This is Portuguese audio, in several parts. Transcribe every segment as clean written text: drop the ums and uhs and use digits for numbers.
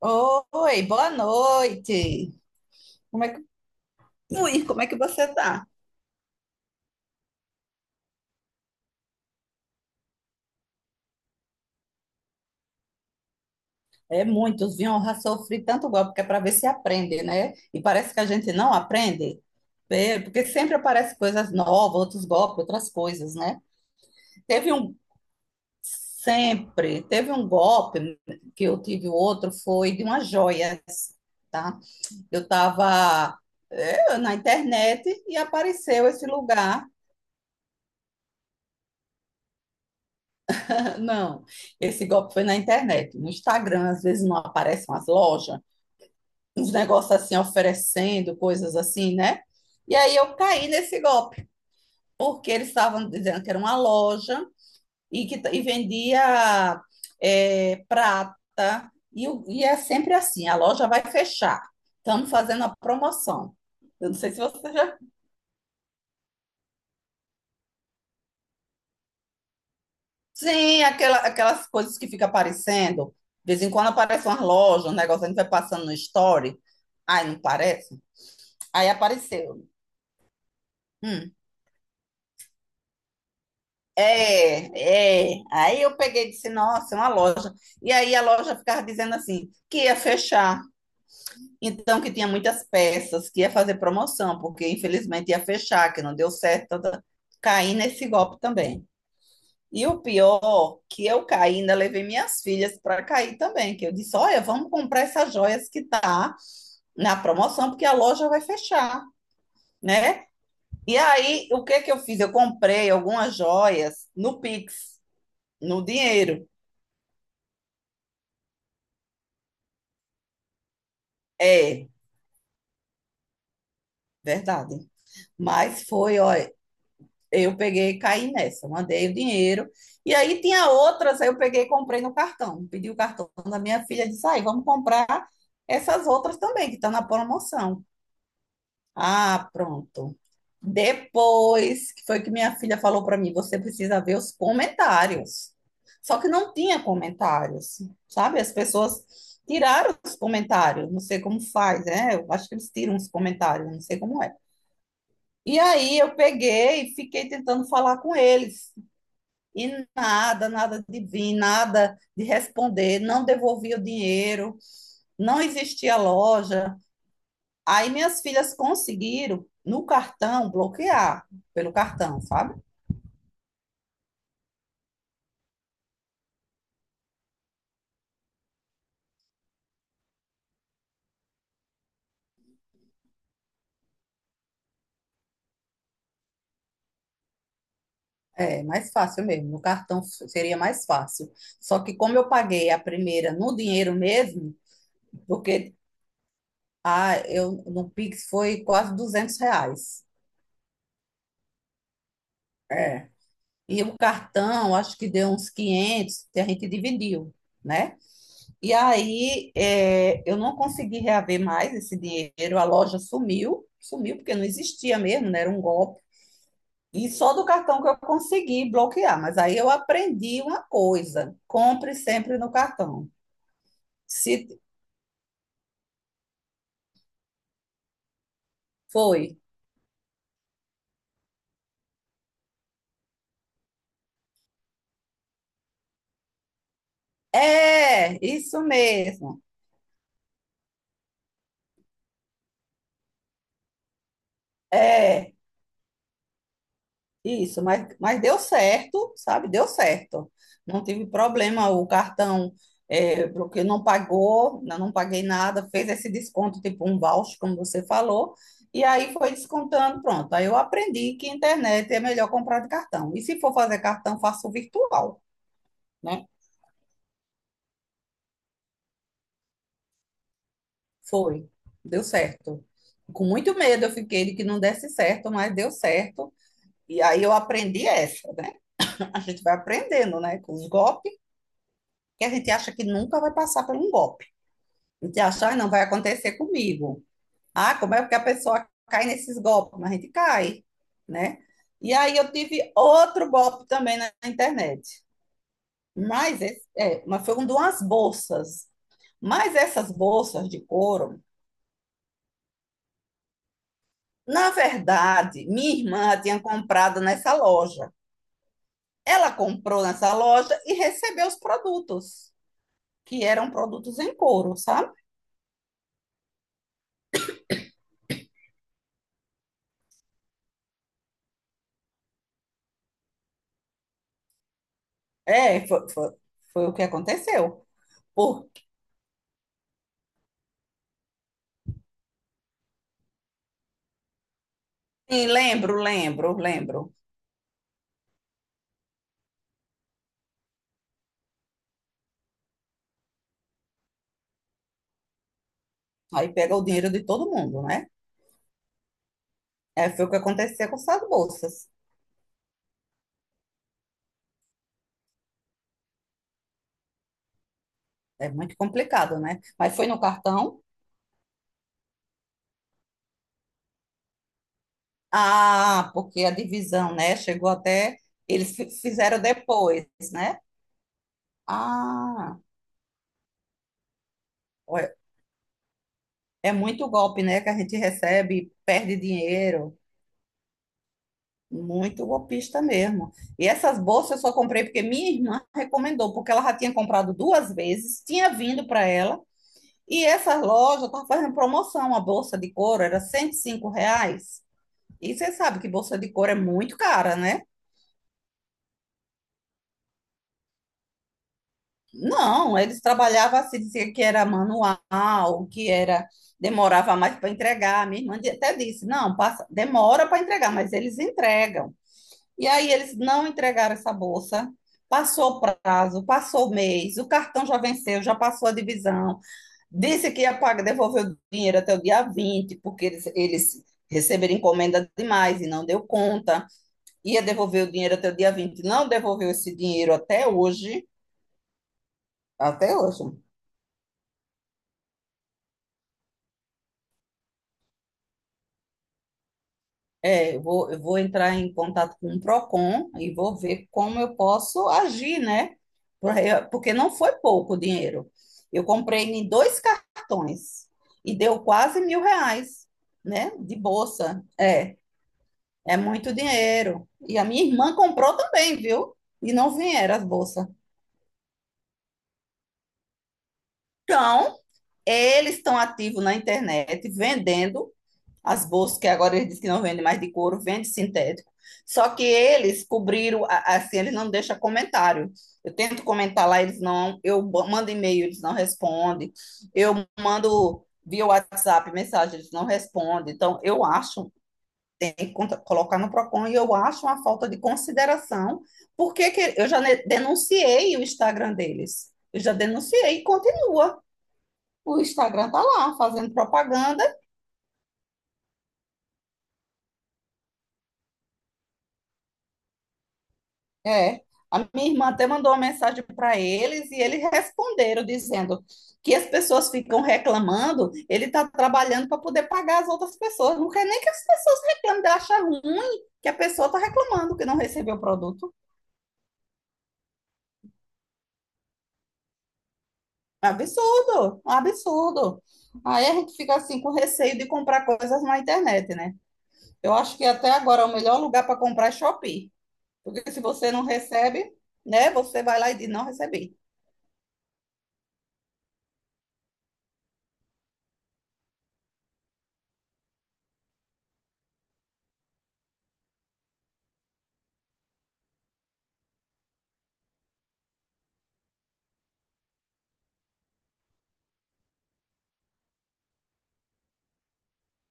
Oi, boa noite. Como é que, como é que você tá? É muitos, viu? Eu já sofri tanto golpe que é para ver se aprende, né? E parece que a gente não aprende, é, porque sempre aparecem coisas novas, outros golpes, outras coisas, né? Teve um, teve um golpe que eu tive outro, foi de umas joias, tá? Eu tava, é, na internet e apareceu esse lugar. Não, esse golpe foi na internet. No Instagram, às vezes não aparecem umas lojas, uns negócios assim oferecendo coisas assim, né? E aí eu caí nesse golpe, porque eles estavam dizendo que era uma loja e e vendia, é, prata, e é sempre assim: a loja vai fechar, estamos fazendo a promoção. Eu não sei se você já. Sim, aquelas coisas que fica aparecendo. De vez em quando aparece uma loja, um negócio, a gente vai passando no story. Ai, não parece? Aí apareceu. Hum. É, é. Aí eu peguei e disse, nossa, é uma loja. E aí a loja ficava dizendo assim, que ia fechar. Então, que tinha muitas peças, que ia fazer promoção, porque infelizmente ia fechar, que não deu certo. Tá, tá. Caí nesse golpe também. E o pior, que eu caí, ainda levei minhas filhas para cair também, que eu disse, olha, vamos comprar essas joias que tá na promoção, porque a loja vai fechar, né? E aí, o que que eu fiz? Eu comprei algumas joias no Pix, no dinheiro. É, verdade. Mas foi, olha, eu peguei e caí nessa, mandei o dinheiro. E aí tinha outras, aí eu peguei e comprei no cartão. Pedi o cartão da minha filha, disse, aí, vamos comprar essas outras também, que tá na promoção. Ah, pronto. Depois que foi que minha filha falou para mim, você precisa ver os comentários. Só que não tinha comentários, sabe? As pessoas tiraram os comentários, não sei como faz, né? Eu acho que eles tiram os comentários, não sei como é. E aí eu peguei e fiquei tentando falar com eles. E nada, nada de vir, nada de responder, não devolvia o dinheiro, não existia loja. Aí minhas filhas conseguiram no cartão bloquear, pelo cartão, sabe? É mais fácil mesmo, no cartão seria mais fácil. Só que como eu paguei a primeira no dinheiro mesmo, porque ah, eu, no Pix foi quase 200 reais. É. E o cartão, acho que deu uns 500, que a gente dividiu, né? E aí é, eu não consegui reaver mais esse dinheiro, a loja sumiu, sumiu porque não existia mesmo, né? Era um golpe. E só do cartão que eu consegui bloquear. Mas aí eu aprendi uma coisa: compre sempre no cartão. Se foi. É, isso mesmo. É, isso. Mas deu certo, sabe? Deu certo. Não tive problema. O cartão é, porque não pagou, não paguei nada, fez esse desconto, tipo um voucher, como você falou. E aí foi descontando, pronto. Aí eu aprendi que internet é melhor comprar de cartão. E se for fazer cartão, faço virtual. Né? Foi, deu certo. Com muito medo eu fiquei de que não desse certo, mas deu certo. E aí eu aprendi essa, né? A gente vai aprendendo, né? Com os golpes, que a gente acha que nunca vai passar por um golpe. A gente acha, ah, não vai acontecer comigo. Ah, como é que a pessoa cai nesses golpes? Mas a gente cai, né? E aí eu tive outro golpe também na internet. Mas, esse, é, mas foi um de umas bolsas. Mas essas bolsas de couro. Na verdade, minha irmã tinha comprado nessa loja. Ela comprou nessa loja e recebeu os produtos, que eram produtos em couro, sabe? É, foi, foi, foi o que aconteceu. Porque, sim, lembro. Aí pega o dinheiro de todo mundo, né? É, foi o que aconteceu com essas bolsas. É muito complicado, né? Mas foi no cartão. Ah, porque a divisão, né? Chegou até. Eles fizeram depois, né? Ah. É muito golpe, né, que a gente recebe, perde dinheiro. Muito golpista mesmo. E essas bolsas eu só comprei porque minha irmã recomendou, porque ela já tinha comprado duas vezes, tinha vindo para ela, e essa loja estavam fazendo promoção. A bolsa de couro era 105 reais. E você sabe que bolsa de couro é muito cara, né? Não, eles trabalhavam assim, dizia que era manual, que era demorava mais para entregar. Minha irmã até disse: não, passa, demora para entregar, mas eles entregam. E aí eles não entregaram essa bolsa. Passou o prazo, passou o mês, o cartão já venceu, já passou a divisão. Disse que ia pagar, devolver o dinheiro até o dia 20 porque eles receberam encomenda demais e não deu conta. Ia devolver o dinheiro até o dia vinte, não devolveu esse dinheiro até hoje. Até hoje. É, eu vou entrar em contato com o Procon e vou ver como eu posso agir, né? Porque não foi pouco o dinheiro. Eu comprei em dois cartões e deu quase mil reais, né? De bolsa. É, é muito dinheiro. E a minha irmã comprou também, viu? E não vieram as bolsas. Então, eles estão ativos na internet vendendo. As bolsas que agora eles dizem que não vendem mais de couro, vende sintético. Só que eles cobriram, assim, eles não deixam comentário. Eu tento comentar lá, eles não, eu mando e-mail, eles não respondem. Eu mando via WhatsApp mensagem, eles não respondem. Então, eu acho, tem que colocar no Procon, e eu acho uma falta de consideração, porque que- eu já denunciei o Instagram deles. Eu já denunciei e continua. O Instagram tá lá, fazendo propaganda. É, a minha irmã até mandou uma mensagem para eles e eles responderam dizendo que as pessoas ficam reclamando, ele está trabalhando para poder pagar as outras pessoas. Não quer nem que as pessoas reclamem, ele acha ruim que a pessoa está reclamando que não recebeu o produto. É um absurdo, é um absurdo. Aí a gente fica assim com receio de comprar coisas na internet, né? Eu acho que até agora é o melhor lugar para comprar é Shopee, porque se você não recebe, né, você vai lá e diz não recebi.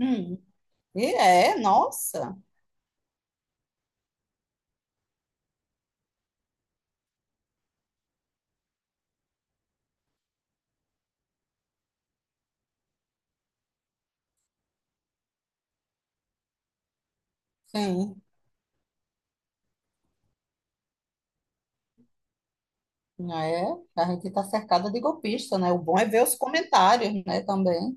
Hum. E é, nossa. Sim, é. A gente está cercada de golpista, né? O bom é ver os comentários, né, também.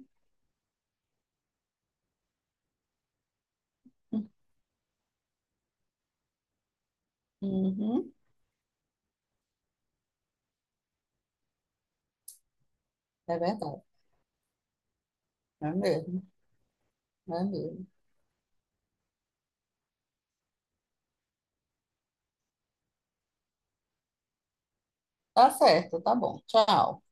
Uhum, é verdade, é mesmo, é mesmo. Tá certo, tá bom. Tchau.